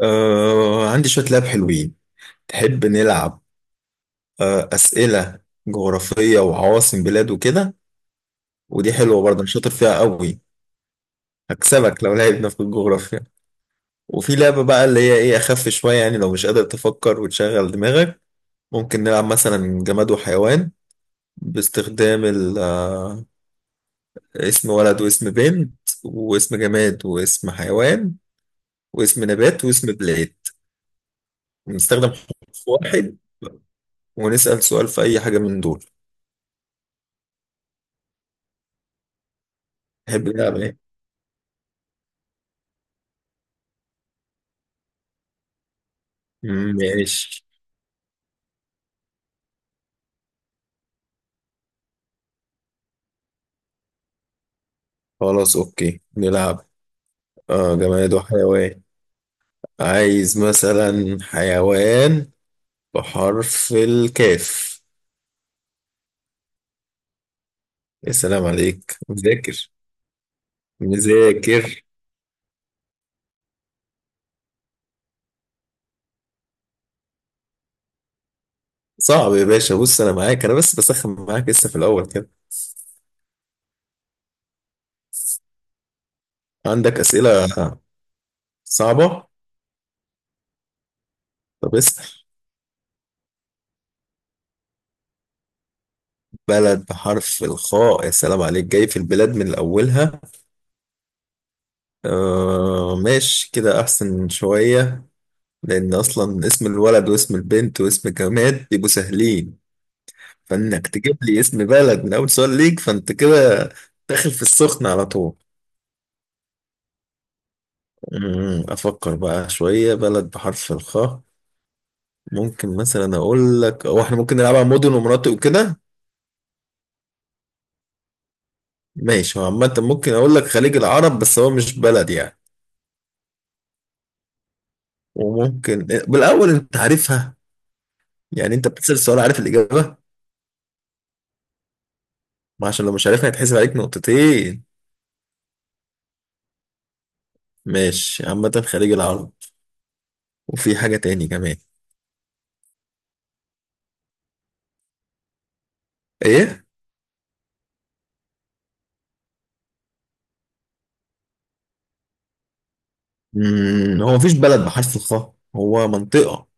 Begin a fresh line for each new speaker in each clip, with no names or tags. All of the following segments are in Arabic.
آه، عندي شوية لعب حلوين. تحب نلعب؟ آه، أسئلة جغرافية وعواصم بلاد وكده. ودي حلوة برضه، أنا شاطر فيها قوي. هكسبك لو لعبنا في الجغرافيا. وفي لعبة بقى اللي هي إيه أخف شوية، يعني لو مش قادر تفكر وتشغل دماغك ممكن نلعب مثلا جماد وحيوان، باستخدام اسم ولد واسم بنت واسم جماد واسم حيوان واسم نبات واسم بلاد. نستخدم حرف واحد ونسأل سؤال في أي حاجة من دول. تحب نلعب إيه؟ ماشي. خلاص اوكي نلعب. آه، جماد وحيوان. عايز مثلا حيوان بحرف الكاف. يا سلام عليك، مذاكر. مذاكر. صعب يا باشا، بص انا معاك، انا بس بسخن معاك لسه في الاول كده. عندك اسئله صعبه؟ طب اسال. بلد بحرف الخاء؟ يا سلام عليك، جاي في البلاد من اولها. آه، ماشي كده احسن شويه، لأن أصلا اسم الولد واسم البنت واسم الجماد بيبقوا سهلين، فإنك تجيب لي اسم بلد من أول سؤال ليك فأنت كده داخل في السخن على طول. أفكر بقى شوية، بلد بحرف الخاء. ممكن مثلا أقول لك، هو إحنا ممكن نلعبها مدن ومناطق وكده؟ ماشي، هو عامة ممكن أقول لك خليج العرب، بس هو مش بلد يعني. وممكن بالأول أنت عارفها، يعني أنت بتسأل السؤال عارف الإجابة. ما عشان لو مش عارفها هيتحسب عليك نقطتين. ماشي، عامة خليج العرب، وفي حاجة تاني كمان. ايه؟ هو مفيش بلد بحرف الخاء، هو منطقة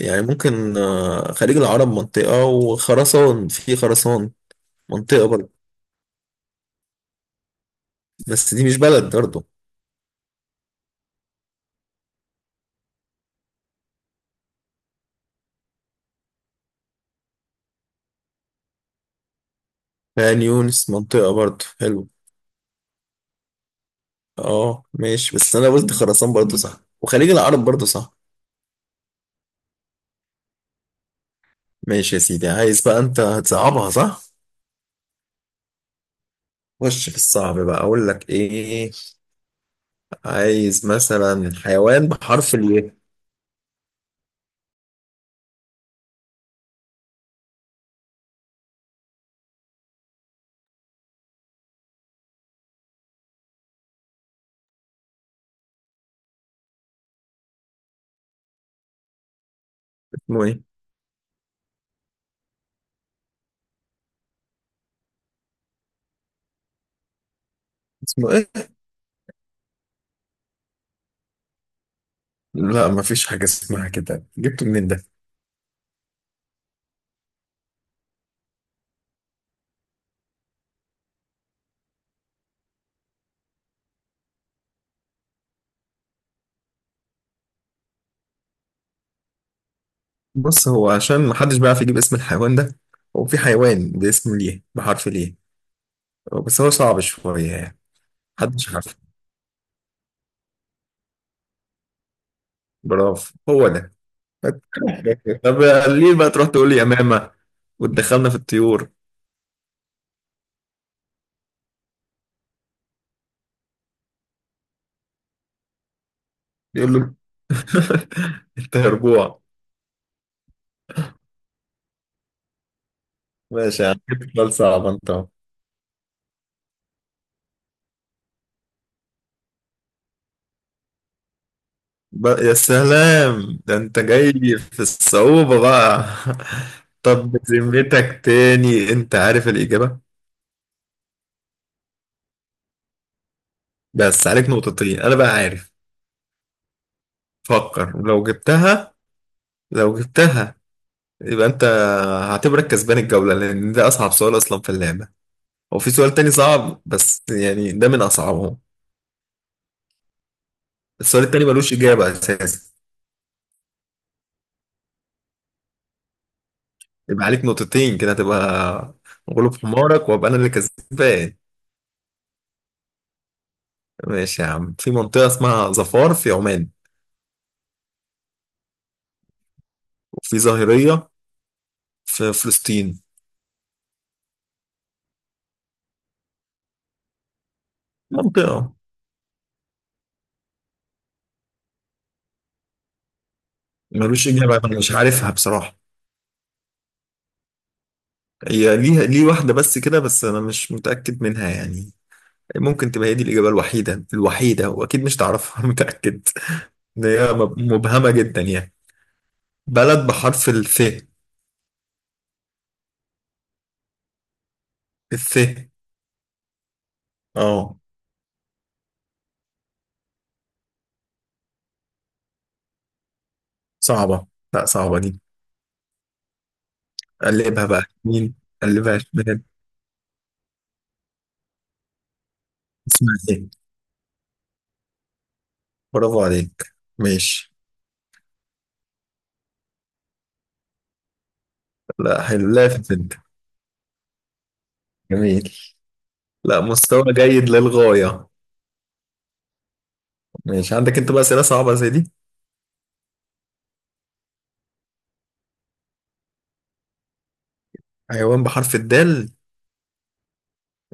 يعني. ممكن خليج العرب منطقة، وخراسان، في خراسان منطقة برضه. بس دي مش بلد برضه. عين يونس منطقة برضه، حلو. اه ماشي، بس انا قلت خراسان برضه صح، وخليج العرب برضه صح. ماشي يا سيدي، عايز بقى، انت هتصعبها صح؟ خش في الصعب بقى، اقول لك ايه، عايز مثلا حيوان بحرف الايه. اسمه ايه؟ اسمه ايه؟ لا، مفيش حاجة اسمها كده، جبته منين ده؟ بص، هو عشان محدش بيعرف يجيب اسم الحيوان ده، هو في حيوان باسم ليه، بحرف ليه، بس هو صعب شوية يعني. محدش عارف. برافو، هو ده. طب ليه بقى تروح تقول لي يمامة وتدخلنا في الطيور؟ يقول له انت هربوع. ماشي يعني، سؤال صعب انت أهو. بقى يا سلام، ده انت جاي في الصعوبة بقى. طب بذمتك، تاني انت عارف الإجابة؟ بس عليك نقطتين، انا بقى عارف. فكر، لو جبتها، لو جبتها يبقى انت، هعتبرك كسبان الجولة، لان ده اصعب سؤال اصلا في اللعبة. هو في سؤال تاني صعب بس، يعني ده من اصعبهم. السؤال التاني ملوش اجابة اساسا. يبقى عليك نقطتين كده، هتبقى غلوب حمارك، وابقى انا اللي كسبان. ماشي يا عم، في منطقة اسمها ظفار في عمان، وفي ظاهرية في فلسطين، منطقة. ملوش اجابة، انا مش عارفها بصراحة. هي ليها ليه واحدة بس كده، بس انا مش متأكد منها يعني. ممكن تبقى هي دي الإجابة الوحيدة الوحيدة، وأكيد مش تعرفها، أنا متأكد. إن هي مبهمة جدا يعني. بلد بحرف الث. الث. اه صعبة. لا صعبة دي. قلبها بقى يمين. قلبها شمال. اسمها ايه؟ برافو عليك، ماشي. لا حلو، لافت انت. جميل. لا، مستوى جيد للغاية. ماشي، عندك انت بقى أسئلة صعبة زي دي؟ حيوان بحرف الدال؟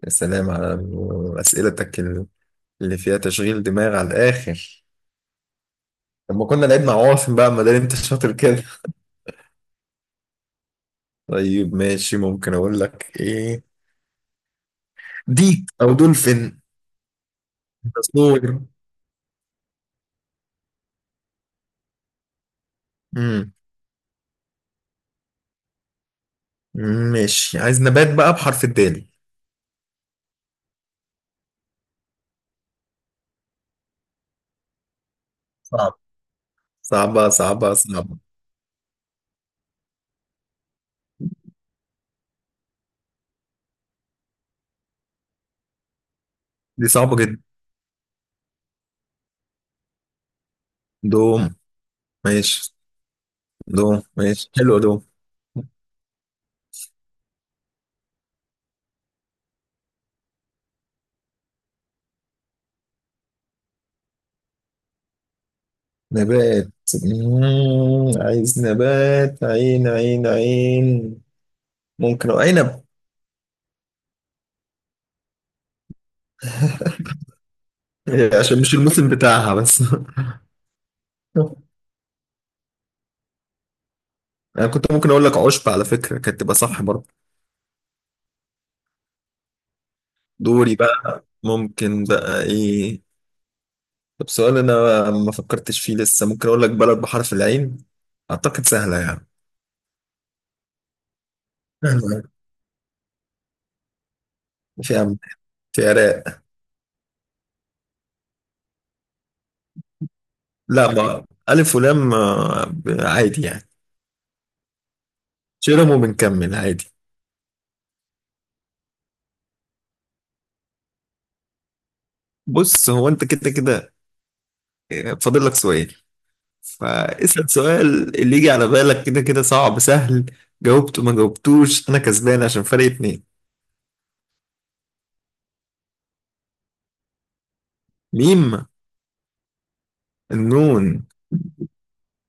يا سلام على أسئلتك اللي فيها تشغيل دماغ على الآخر. لما كنا لعيب مع عواصم بقى، ما دام انت شاطر كده. طيب ماشي، ممكن اقول لك ايه، ديك او دولفين. تصوير. امم ماشي. عايز نبات بقى بحرف الدال. صعب، صعبة صعبة صعبة. دي صعبة جدا. دوم. ماشي. دوم، ماشي حلو، دوم. نبات. عايز نبات، عين عين عين. ممكن أو عنب. إيه، عشان مش الموسم بتاعها بس. انا كنت ممكن اقول لك عشب على فكرة، كانت تبقى صح برضه. دوري بقى، ممكن بقى ايه؟ طب سؤال انا ما فكرتش فيه لسه، ممكن اقول لك بلد بحرف العين، اعتقد سهله يعني. سهلة. في عم، في عراق. لا، ما الف ولام عادي يعني. شيرم وبنكمل عادي. بص، هو انت كده كده فاضل لك سؤال، فاسأل سؤال اللي يجي على بالك، كده كده صعب سهل، جاوبته ما جاوبتوش انا كسبان عشان فرق اتنين. ميم. النون؟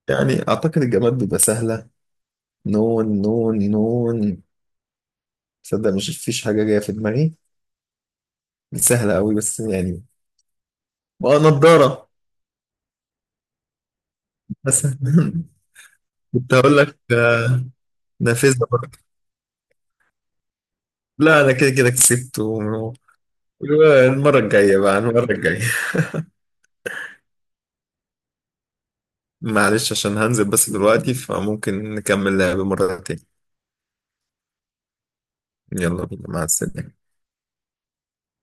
يعني اعتقد الجماد بيبقى سهله. نون نون نون. تصدق مش فيش حاجة جاية في دماغي. سهلة قوي بس يعني. اه، نضارة. بس. كنت هقول لك نافذة برضه. لا، أنا كده كده كسبت المرة الجاية بقى، المرة الجاية. معلش، عشان هنزل بس دلوقتي، فممكن نكمل لعب مرة تاني. يلا بينا، مع السلامة.